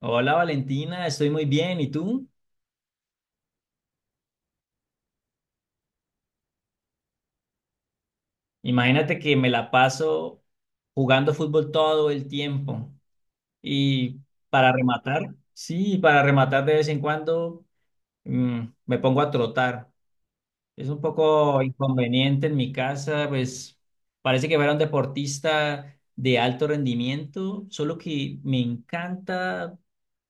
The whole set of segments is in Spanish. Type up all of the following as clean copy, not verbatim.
Hola Valentina, estoy muy bien. ¿Y tú? Imagínate que me la paso jugando fútbol todo el tiempo. Y para rematar, sí, para rematar de vez en cuando mm, me pongo a trotar. Es un poco inconveniente en mi casa, pues parece que fuera un deportista de alto rendimiento, solo que me encanta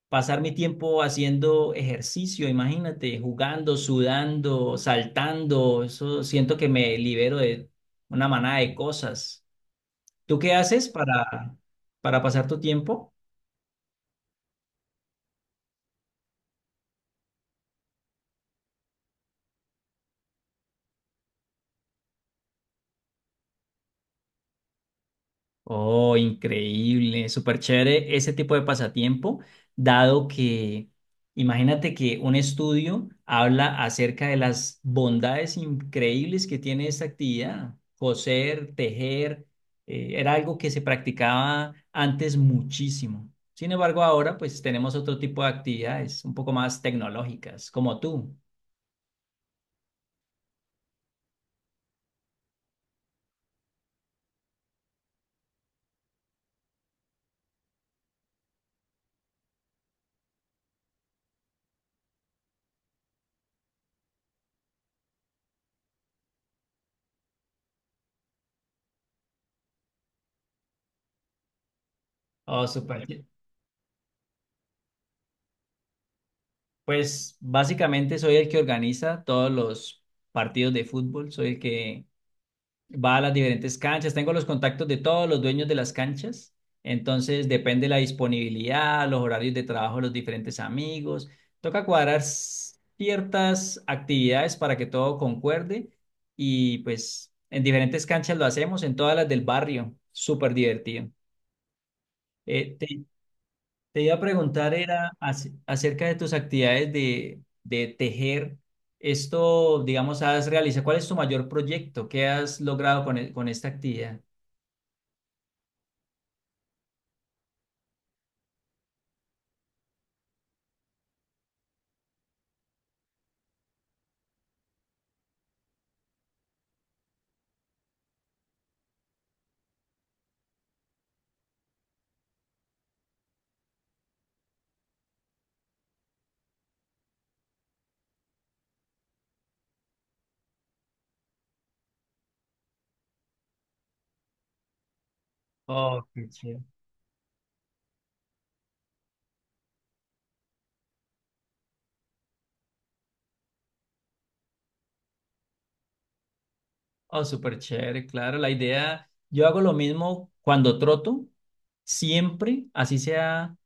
pasar mi tiempo haciendo ejercicio, imagínate, jugando, sudando, saltando, eso siento que me libero de una manada de cosas. ¿Tú qué haces para pasar tu tiempo? Oh, increíble, súper chévere ese tipo de pasatiempo, dado que imagínate que un estudio habla acerca de las bondades increíbles que tiene esta actividad. Coser, tejer, era algo que se practicaba antes muchísimo. Sin embargo, ahora pues tenemos otro tipo de actividades un poco más tecnológicas, como tú. Oh, súper. Pues básicamente soy el que organiza todos los partidos de fútbol, soy el que va a las diferentes canchas, tengo los contactos de todos los dueños de las canchas, entonces depende la disponibilidad, los horarios de trabajo de los diferentes amigos, toca cuadrar ciertas actividades para que todo concuerde y pues en diferentes canchas lo hacemos, en todas las del barrio, súper divertido. Eh, te, te iba a preguntar, era acerca de tus actividades de tejer. Esto, digamos, has realizado, ¿cuál es tu mayor proyecto? ¿Qué has logrado con esta actividad? Oh, qué chévere. Oh, súper chévere, claro. La idea, yo hago lo mismo cuando troto, siempre, así sea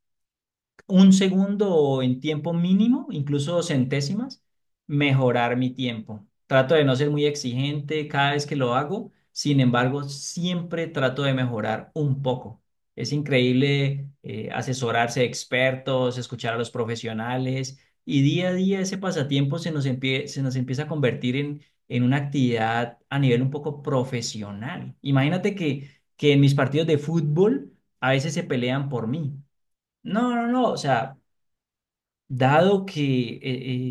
un segundo en tiempo mínimo, incluso centésimas, mejorar mi tiempo. Trato de no ser muy exigente cada vez que lo hago, sin embargo, siempre trato de mejorar un poco. Es increíble, asesorarse de expertos, escuchar a los profesionales y día a día ese pasatiempo se nos empieza a convertir en una actividad a nivel un poco profesional. Imagínate que en mis partidos de fútbol a veces se pelean por mí. No, no, no, o sea, dado que eh,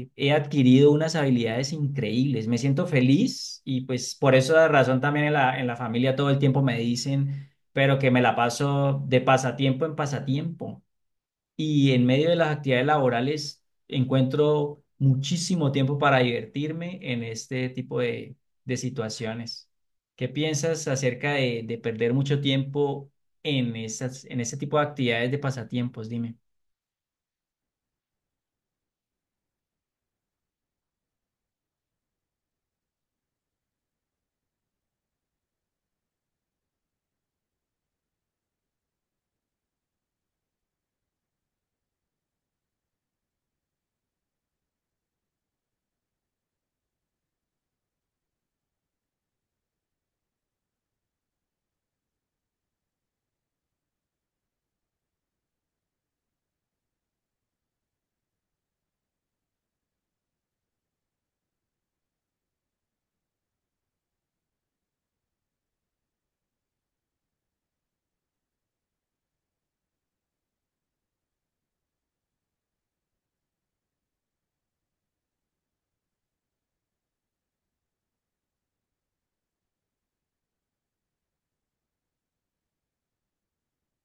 eh, he adquirido unas habilidades increíbles, me siento feliz y pues por esa razón también en en la familia todo el tiempo me dicen, pero que me la paso de pasatiempo en pasatiempo y en medio de las actividades laborales encuentro muchísimo tiempo para divertirme en este tipo de situaciones. ¿Qué piensas acerca de perder mucho tiempo en ese tipo de actividades de pasatiempos? Dime.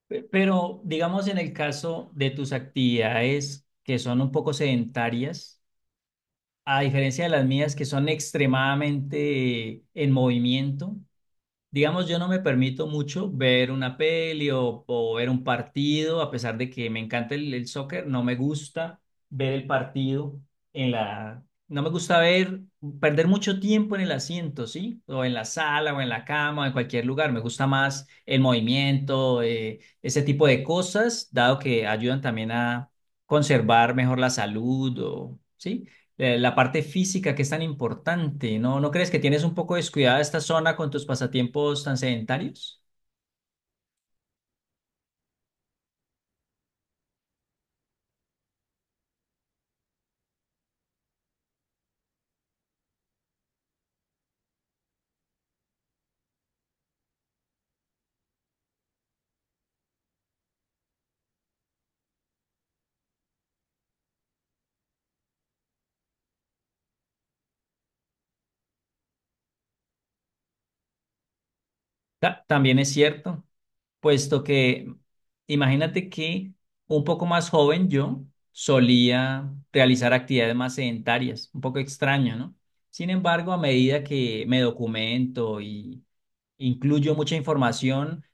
Pero digamos en el caso de tus actividades que son un poco sedentarias, a diferencia de las mías que son extremadamente en movimiento. Digamos, yo no me permito mucho ver una peli o ver un partido, a pesar de que me encanta el soccer, no me gusta ver el partido en la... No me gusta ver, perder mucho tiempo en el asiento, ¿sí? O en la sala, o en la cama, o en cualquier lugar. Me gusta más el movimiento, ese tipo de cosas, dado que ayudan también a conservar mejor la salud, o, ¿sí?, la parte física que es tan importante, ¿no? ¿No crees que tienes un poco descuidada esta zona con tus pasatiempos tan sedentarios? También es cierto, puesto que imagínate que un poco más joven yo solía realizar actividades más sedentarias, un poco extraño, ¿no? Sin embargo, a medida que me documento y incluyo mucha información,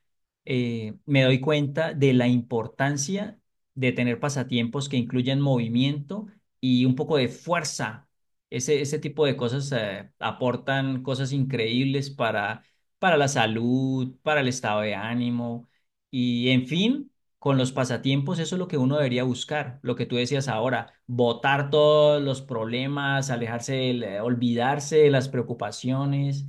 me doy cuenta de la importancia de tener pasatiempos que incluyan movimiento y un poco de fuerza. Ese tipo de cosas, aportan cosas increíbles para la salud, para el estado de ánimo y en fin, con los pasatiempos eso es lo que uno debería buscar, lo que tú decías ahora, botar todos los problemas, alejarse, olvidarse de las preocupaciones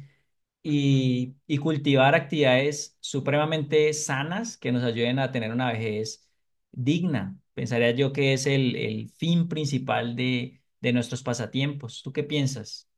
y cultivar actividades supremamente sanas que nos ayuden a tener una vejez digna. Pensaría yo que es el fin principal de nuestros pasatiempos. ¿Tú qué piensas?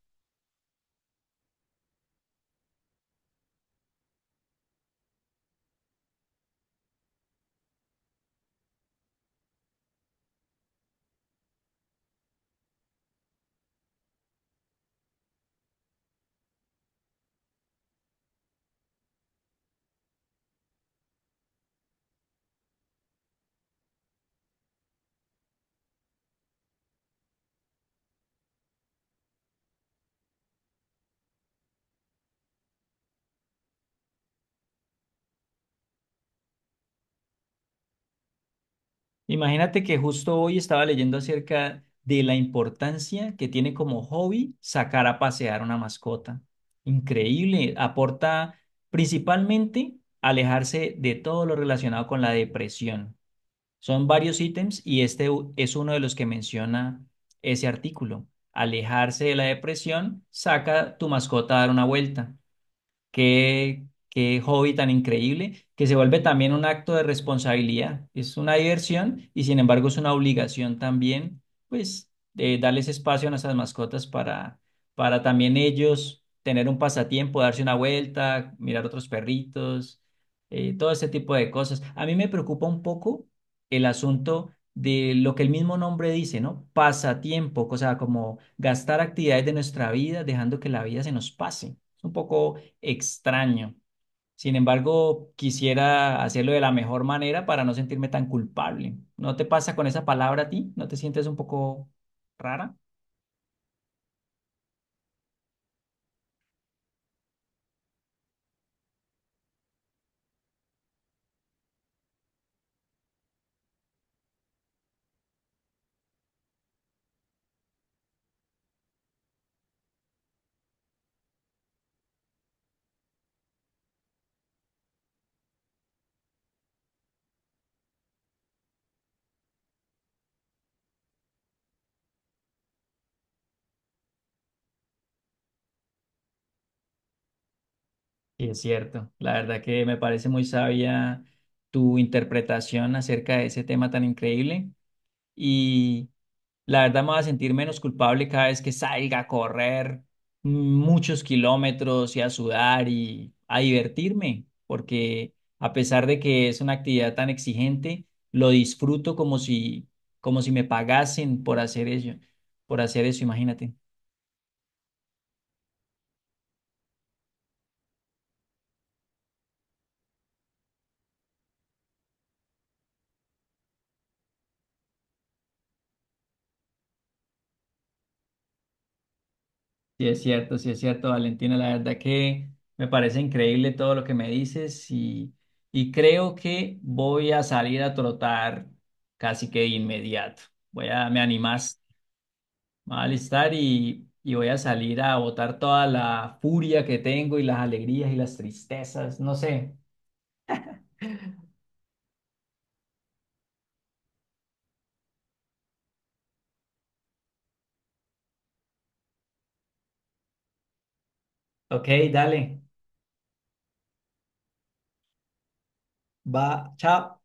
Imagínate que justo hoy estaba leyendo acerca de la importancia que tiene como hobby sacar a pasear una mascota. Increíble, aporta principalmente alejarse de todo lo relacionado con la depresión. Son varios ítems y es uno de los que menciona ese artículo. Alejarse de la depresión, saca tu mascota a dar una vuelta. Qué hobby tan increíble, que se vuelve también un acto de responsabilidad. Es una diversión y sin embargo es una obligación también, pues, de darles espacio a nuestras mascotas para también ellos tener un pasatiempo, darse una vuelta, mirar otros perritos, todo ese tipo de cosas. A mí me preocupa un poco el asunto de lo que el mismo nombre dice, ¿no? Pasatiempo, o sea, como gastar actividades de nuestra vida, dejando que la vida se nos pase. Es un poco extraño. Sin embargo, quisiera hacerlo de la mejor manera para no sentirme tan culpable. ¿No te pasa con esa palabra a ti? ¿No te sientes un poco rara? Sí, es cierto. La verdad que me parece muy sabia tu interpretación acerca de ese tema tan increíble. Y la verdad me voy a sentir menos culpable cada vez que salga a correr muchos kilómetros y a sudar y a divertirme, porque a pesar de que es una actividad tan exigente, lo disfruto como si me pagasen por hacer ello, por hacer eso, imagínate. Sí es cierto, Valentina. La verdad que me parece increíble todo lo que me dices y creo que voy a salir a trotar casi que de inmediato. Voy a, me animas, me voy a alistar y voy a salir a botar toda la furia que tengo y las alegrías y las tristezas, no sé. Ok, dale, va, chao.